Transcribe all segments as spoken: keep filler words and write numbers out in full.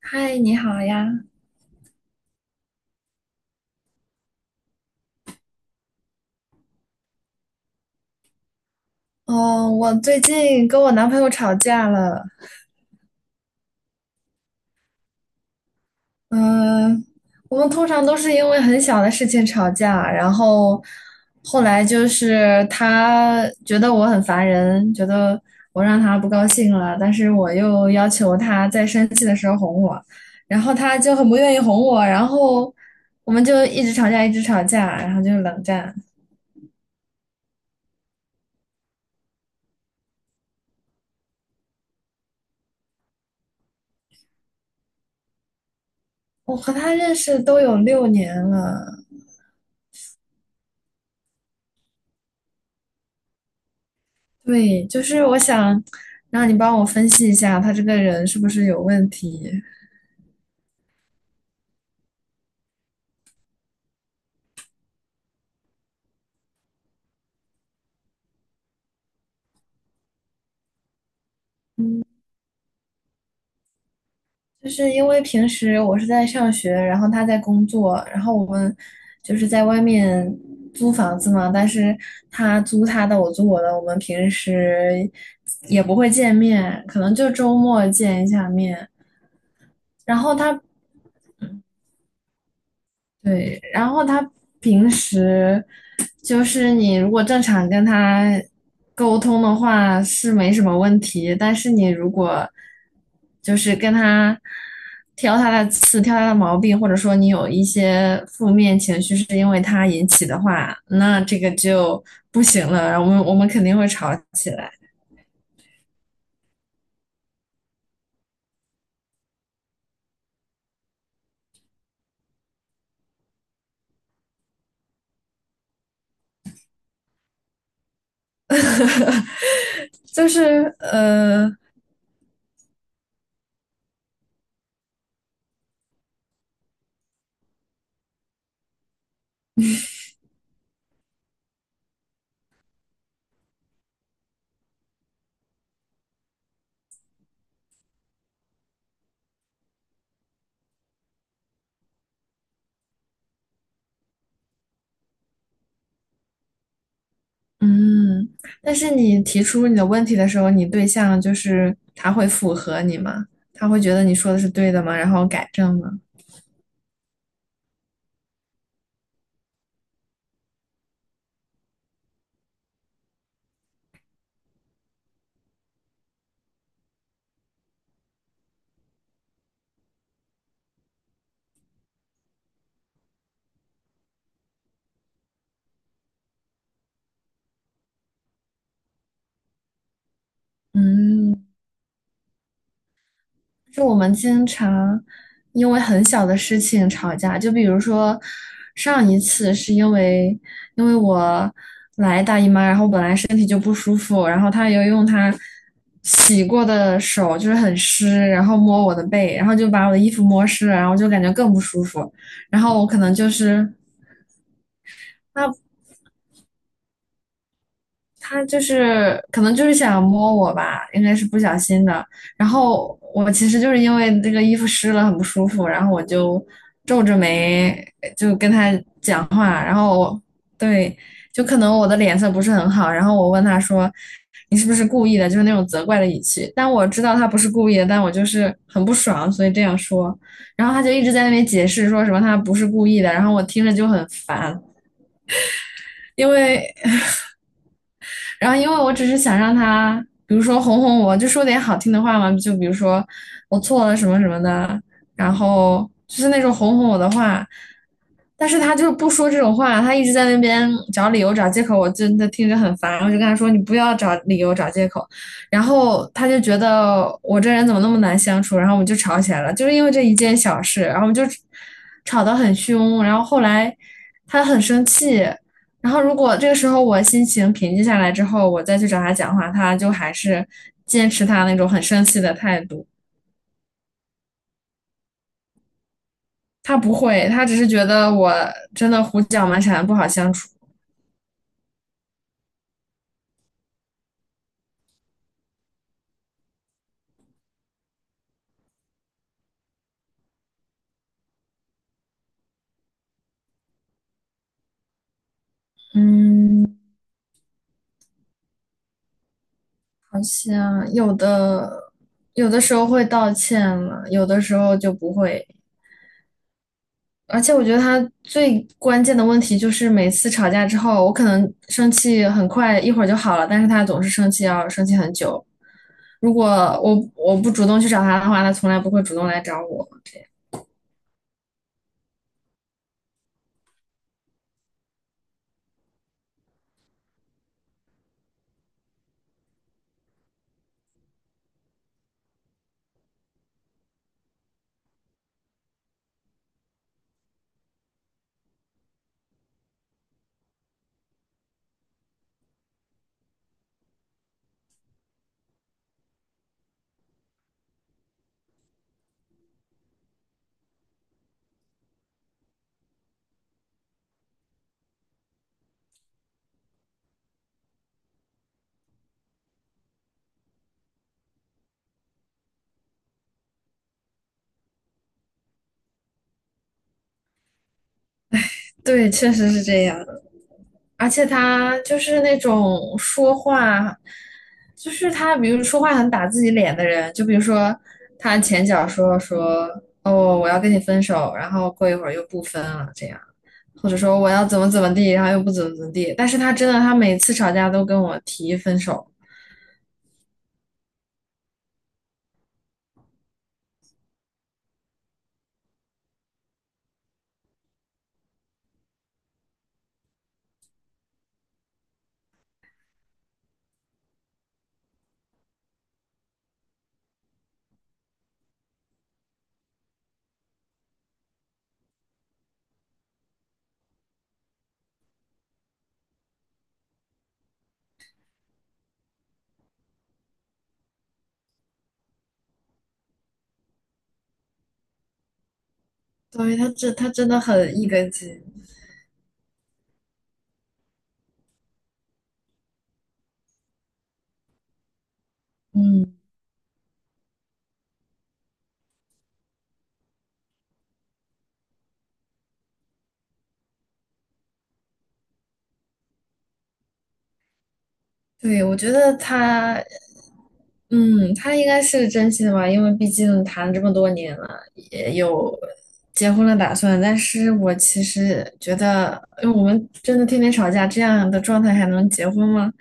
嗨，你好呀。哦，我最近跟我男朋友吵架了。嗯，我们通常都是因为很小的事情吵架，然后后来就是他觉得我很烦人，觉得我让他不高兴了，但是我又要求他在生气的时候哄我，然后他就很不愿意哄我，然后我们就一直吵架，一直吵架，然后就冷战。我和他认识都有六年了。对，就是我想让你帮我分析一下，他这个人是不是有问题？就是因为平时我是在上学，然后他在工作，然后我们就是在外面租房子嘛，但是他租他的，我租我的，我们平时也不会见面，可能就周末见一下面。然后他对。然后他平时就是你如果正常跟他沟通的话是没什么问题，但是你如果就是跟他挑他的刺、挑他的毛病，或者说你有一些负面情绪是因为他引起的话，那这个就不行了，然后我们我们肯定会吵起来。就是呃，嗯，但是你提出你的问题的时候，你对象就是他会符合你吗？他会觉得你说的是对的吗？然后改正吗？嗯，就我们经常因为很小的事情吵架，就比如说上一次是因为因为我来大姨妈，然后本来身体就不舒服，然后他又用他洗过的手就是很湿，然后摸我的背，然后就把我的衣服摸湿了，然后就感觉更不舒服。然后我可能就是他他就是可能就是想摸我吧，应该是不小心的。然后我其实就是因为这个衣服湿了很不舒服，然后我就皱着眉就跟他讲话。然后我对，就可能我的脸色不是很好，然后我问他说你是不是故意的，就是那种责怪的语气。但我知道他不是故意的，但我就是很不爽，所以这样说。然后他就一直在那边解释说什么他不是故意的，然后我听着就很烦。因为然后因为我只是想让他，比如说哄哄我，就说点好听的话嘛，就比如说我错了什么什么的，然后就是那种哄哄我的话。但是他就是不说这种话，他一直在那边找理由找借口，我真的听着很烦。我就跟他说："你不要找理由找借口。"然后他就觉得我这人怎么那么难相处，然后我们就吵起来了，就是因为这一件小事，然后我们就吵得很凶。然后后来他很生气，然后如果这个时候我心情平静下来之后，我再去找他讲话，他就还是坚持他那种很生气的态度。他不会，他只是觉得我真的胡搅蛮缠，不好相处。嗯，好像有的有的时候会道歉了，有的时候就不会。而且我觉得他最关键的问题就是每次吵架之后，我可能生气很快，一会儿就好了，但是他总是生气，要生气很久。如果我我不主动去找他的话，他从来不会主动来找我。对，确实是这样的。而且他就是那种说话，就是他，比如说话很打自己脸的人，就比如说他前脚说说哦我要跟你分手，然后过一会儿又不分了，这样。或者说我要怎么怎么地，然后又不怎么怎么地。但是他真的，他每次吵架都跟我提分手，对，他真他真的很一根筋。嗯，对，我觉得他，嗯，他应该是个真心的吧，因为毕竟谈了这么多年了，也有结婚的打算。但是我其实觉得，因为我们真的天天吵架，这样的状态还能结婚吗？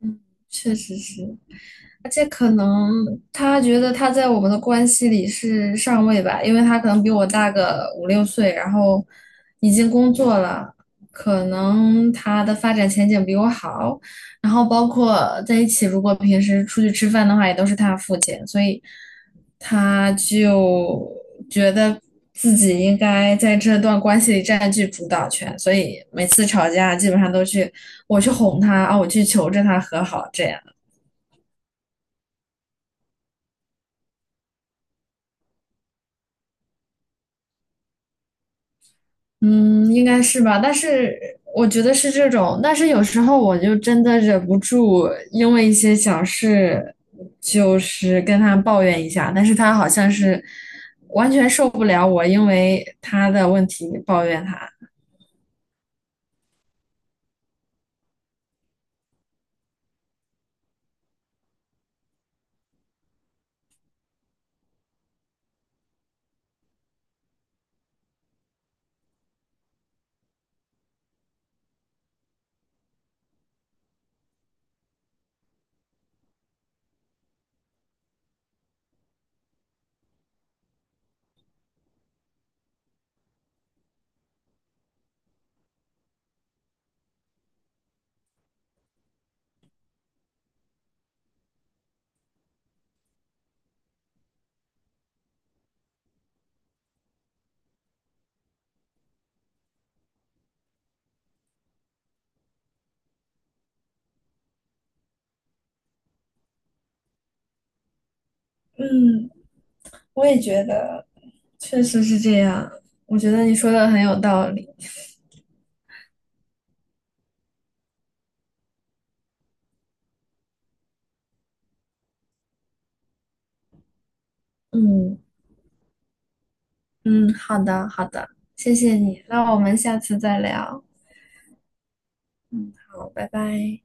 嗯，确实是。而且可能他觉得他在我们的关系里是上位吧，因为他可能比我大个五六岁，然后已经工作了，可能他的发展前景比我好，然后包括在一起，如果平时出去吃饭的话，也都是他付钱，所以他就觉得自己应该在这段关系里占据主导权，所以每次吵架基本上都去我去哄他啊，我去求着他和好这样。嗯，应该是吧，但是我觉得是这种，但是有时候我就真的忍不住，因为一些小事，就是跟他抱怨一下，但是他好像是完全受不了我，因为他的问题抱怨他。嗯，我也觉得确实是这样，我觉得你说的很有道理。嗯嗯，好的好的，谢谢你，那我们下次再聊。嗯，好，拜拜。